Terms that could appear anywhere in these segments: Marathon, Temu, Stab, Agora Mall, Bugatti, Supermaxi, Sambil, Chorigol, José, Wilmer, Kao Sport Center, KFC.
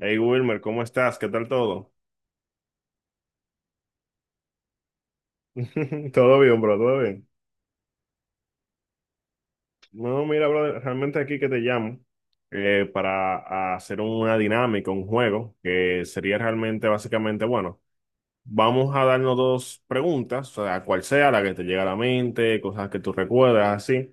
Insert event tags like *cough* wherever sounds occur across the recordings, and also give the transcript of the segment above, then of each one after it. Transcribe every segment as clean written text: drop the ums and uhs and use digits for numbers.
Hey Wilmer, ¿cómo estás? ¿Qué tal todo? *laughs* Todo bien, bro, todo bien. No, mira, bro, realmente aquí que te llamo para hacer una dinámica, un juego, que sería realmente básicamente, bueno, vamos a darnos dos preguntas, o sea, cual sea la que te llega a la mente, cosas que tú recuerdas, así,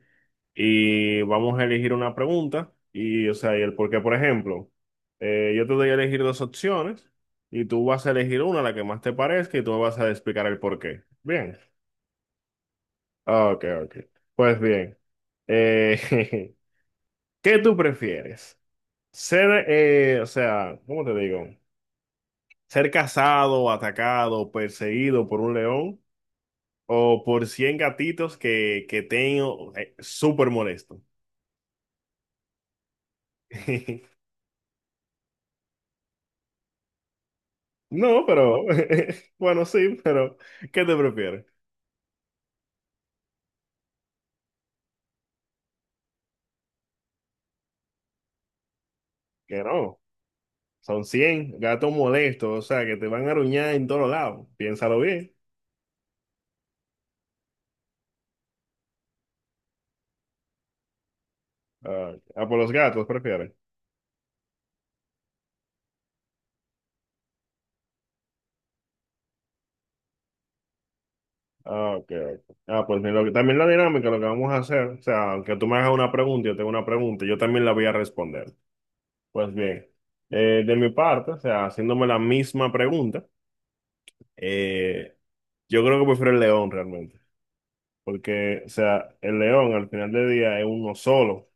y vamos a elegir una pregunta y, o sea, y el por qué, por ejemplo, yo te doy a elegir dos opciones y tú vas a elegir una, la que más te parezca, y tú me vas a explicar el por qué. Bien. Ah, ok, ok. Pues bien, eh, *laughs* ¿qué tú prefieres? Ser, o sea, ¿cómo te digo? ¿Ser cazado, atacado, perseguido por un león o por 100 gatitos que tengo súper molesto? *laughs* No, pero, *laughs* bueno, sí, pero ¿qué te prefieres? Que no, son cien gatos molestos, o sea, que te van a aruñar en todos lados. Piénsalo bien. Ah, ah, por los gatos, prefiero. Ah, ok, ok. Ah, pues mira, lo que, también la dinámica, lo que vamos a hacer, o sea, aunque tú me hagas una pregunta, yo tengo una pregunta, yo también la voy a responder. Pues bien, de mi parte, o sea, haciéndome la misma pregunta, eh, yo creo que prefiero el león realmente, porque, o sea, el león al final del día es uno solo,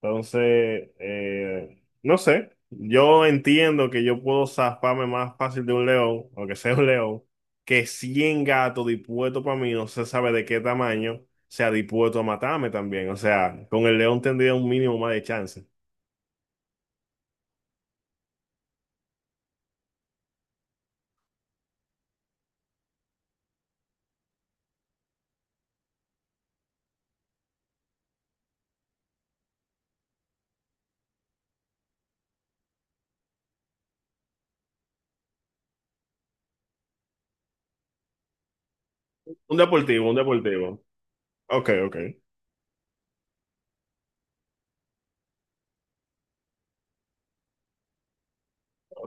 entonces, no sé, yo entiendo que yo puedo zafarme más fácil de un león, aunque sea un león, que 100 gatos dispuestos para mí, no se sabe de qué tamaño, sea dispuesto a matarme también. O sea, con el león tendría un mínimo más de chance. Un deportivo, un deportivo. Ok, ok.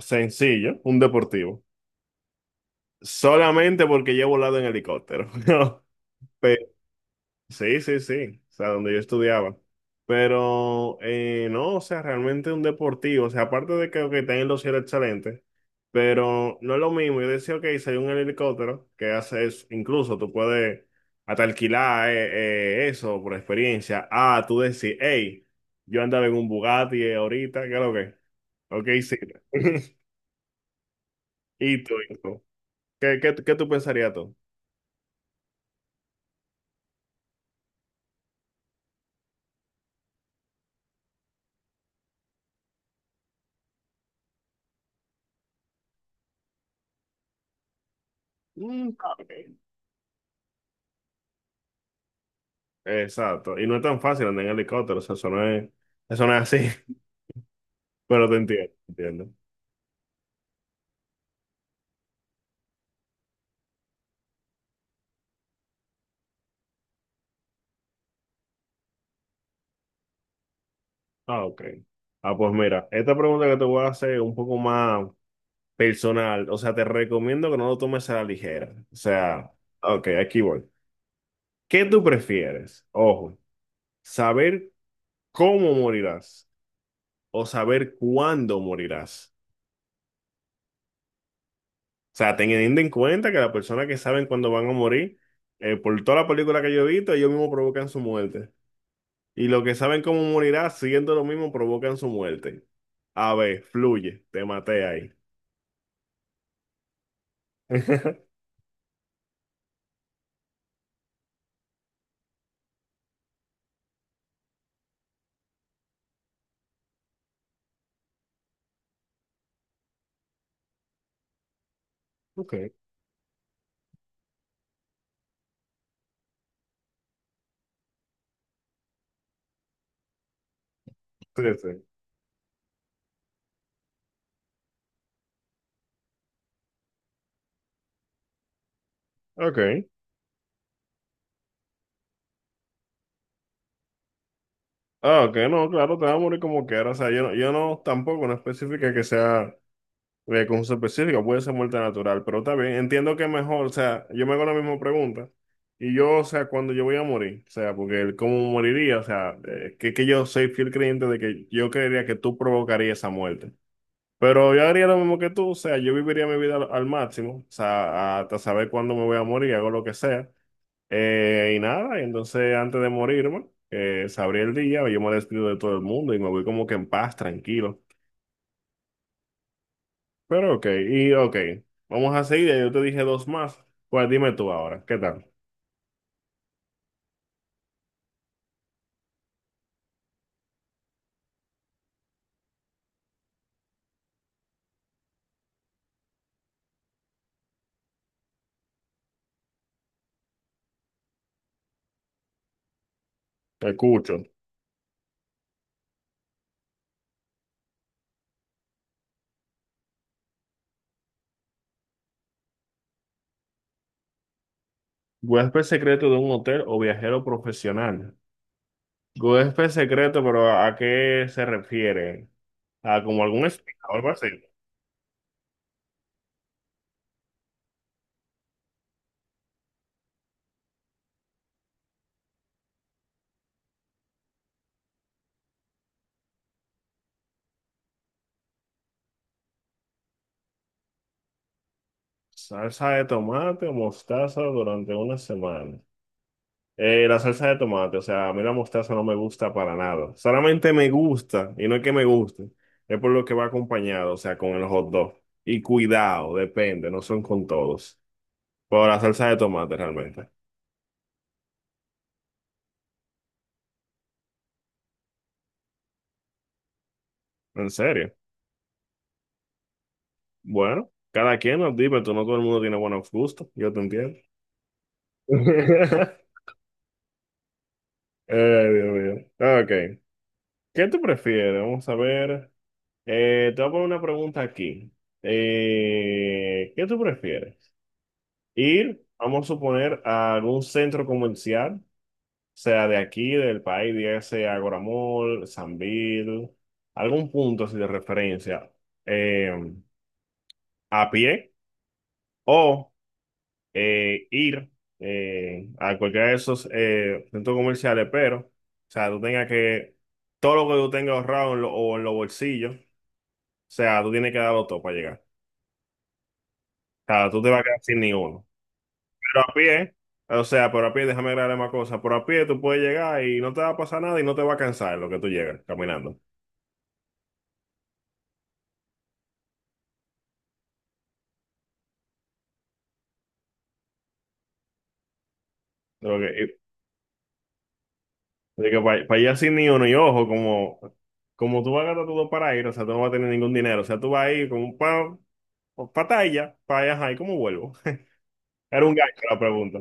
Sencillo, un deportivo. Solamente porque yo he volado en helicóptero. *laughs* Sí, sí, sí, o sea, donde yo estudiaba. Pero no, o sea, realmente un deportivo, o sea, aparte de que tienen los cielos excelentes, pero no es lo mismo. Yo decía, ok, si hay un helicóptero que hace eso, incluso tú puedes hasta alquilar eso por experiencia. Ah, tú decís, hey, yo andaba en un Bugatti ahorita, ¿qué es lo que? Ok, sí. *laughs* ¿Y tú? ¿Y tú? ¿Qué tú pensarías tú? Mm, ok. Exacto. Y no es tan fácil andar en helicóptero, o sea, eso no es así, *laughs* pero te entiendo, te entiendo. Ah, ok. Ah, pues mira, esta pregunta que te voy a hacer es un poco más personal, o sea, te recomiendo que no lo tomes a la ligera. O sea, ok, aquí voy. ¿Qué tú prefieres? Ojo, saber cómo morirás o saber cuándo morirás. O sea, teniendo en cuenta que las personas que saben cuándo van a morir, por toda la película que yo he visto, ellos mismos provocan su muerte. Y los que saben cómo morirá, siguiendo lo mismo, provocan su muerte. A ver, fluye, te maté ahí. *laughs* Ok, sí, sí. Ok. Ah, ok, no, claro, te va a morir como quieras. O sea, yo no, yo no tampoco, no específica que sea con su específica, puede ser muerte natural, pero está bien. Entiendo que mejor, o sea, yo me hago la misma pregunta. Y yo, o sea, cuando yo voy a morir, o sea, porque el cómo moriría, o sea, que yo soy fiel creyente de que yo creería que tú provocarías esa muerte. Pero yo haría lo mismo que tú, o sea, yo viviría mi vida al, al máximo, o sea, hasta saber cuándo me voy a morir, hago lo que sea, y nada, y entonces antes de morirme, sabría el día, yo me despido de todo el mundo y me voy como que en paz, tranquilo. Pero ok, y ok, vamos a seguir, ya yo te dije dos más, pues dime tú ahora, ¿qué tal? Te escucho. Huésped secreto de un hotel o viajero profesional. Huésped secreto, pero ¿a qué se refiere? ¿A como algún espía o algo así? Salsa de tomate o mostaza durante una semana. La salsa de tomate, o sea, a mí la mostaza no me gusta para nada. Solamente me gusta, y no es que me guste, es por lo que va acompañado, o sea, con el hot dog. Y cuidado, depende, no son con todos. Pero la salsa de tomate realmente. En serio. Bueno, cada quien nos dime, tú no todo el mundo tiene buenos gustos, yo te entiendo. *laughs* Ay, Dios mío. Ok. ¿Qué tú prefieres? Vamos a ver. Te voy a poner una pregunta aquí. ¿Qué tú prefieres? Ir, vamos a suponer, a algún centro comercial, sea de aquí, del país, dígase Agora Mall, Sambil, algún punto así de referencia, eh, a pie, o ir a cualquiera de esos centros comerciales, pero, o sea, tú tengas que, todo lo que tú tengas ahorrado en lo- o en los bolsillos, o sea, tú tienes que darlo todo para llegar. Sea, tú te vas a quedar sin ninguno. Pero a pie, o sea, pero a pie, déjame agregarle más cosas. Pero a pie tú puedes llegar y no te va a pasar nada y no te va a cansar en lo que tú llegas caminando. Lo que, para, allá sin ni uno, y ojo, como, como tú vas a gastar todo para ir, o sea, tú no vas a tener ningún dinero. O sea, tú vas a ir con un pa, patalla para allá, ¿y cómo vuelvo? *laughs* Era un gancho la pregunta.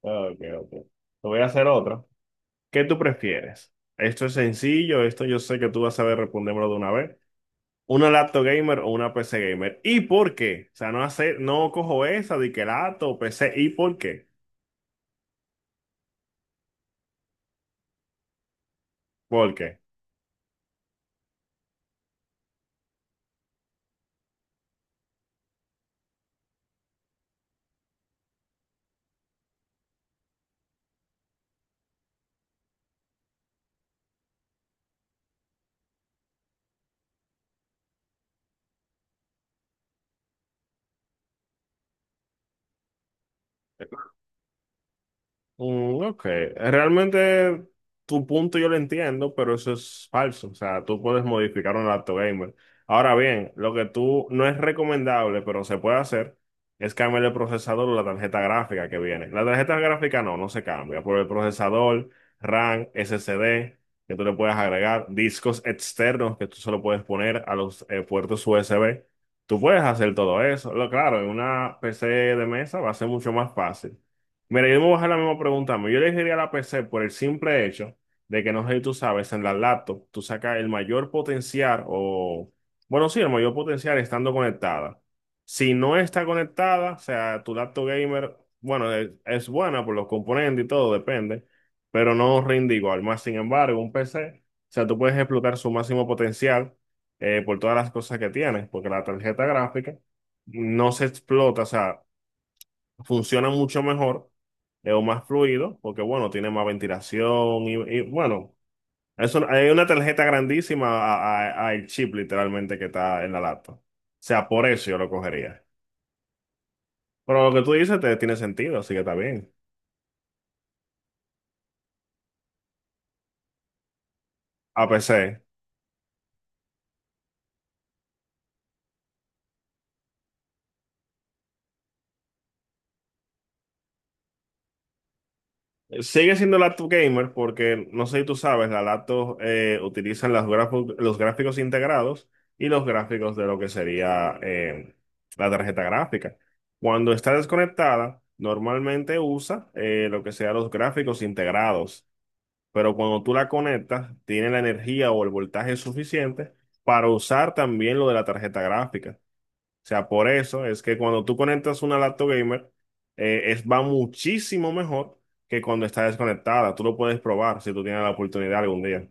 Ok, ok. Te voy a hacer otra. ¿Qué tú prefieres? Esto es sencillo, esto yo sé que tú vas a saber respondérmelo de una vez. Una laptop gamer o una PC gamer. ¿Y por qué? O sea, no hace, no cojo esa de que laptop o PC. ¿Y por qué? ¿Por qué? Mm, ok, realmente tu punto yo lo entiendo, pero eso es falso. O sea, tú puedes modificar un laptop gamer. Ahora bien, lo que tú no es recomendable, pero se puede hacer, es cambiar el procesador o la tarjeta gráfica que viene. La tarjeta gráfica no, no se cambia, por el procesador, RAM, SSD, que tú le puedes agregar, discos externos que tú solo puedes poner a los puertos USB. Tú puedes hacer todo eso. Lo claro, en una PC de mesa va a ser mucho más fácil. Mira, yo me voy a hacer la misma pregunta. Yo elegiría la PC por el simple hecho de que, no sé si tú sabes, en la laptop tú sacas el mayor potencial o, bueno, sí, el mayor potencial estando conectada. Si no está conectada, o sea, tu laptop gamer, bueno, es buena por los componentes y todo, depende, pero no rinde igual. Más sin embargo, un PC, o sea, tú puedes explotar su máximo potencial por todas las cosas que tienes, porque la tarjeta gráfica no se explota, o sea funciona mucho mejor, es más fluido, porque bueno, tiene más ventilación y, bueno, eso, hay una tarjeta grandísima a el chip literalmente que está en la laptop. O sea, por eso yo lo cogería. Pero lo que tú dices te, tiene sentido, así que está bien. APC. Sigue siendo laptop gamer porque, no sé si tú sabes, las laptops utilizan las grafo- los gráficos integrados y los gráficos de lo que sería la tarjeta gráfica. Cuando está desconectada, normalmente usa lo que sea los gráficos integrados, pero cuando tú la conectas, tiene la energía o el voltaje suficiente para usar también lo de la tarjeta gráfica. O sea, por eso es que cuando tú conectas una laptop gamer, es, va muchísimo mejor que cuando está desconectada. Tú lo puedes probar si tú tienes la oportunidad algún día.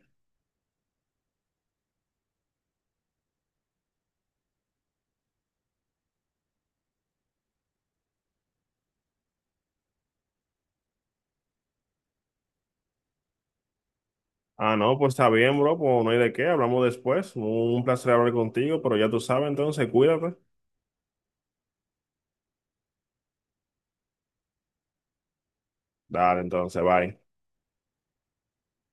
Ah, no, pues está bien, bro, pues no hay de qué, hablamos después. Un placer hablar contigo, pero ya tú sabes, entonces cuídate. Dale, entonces, bye.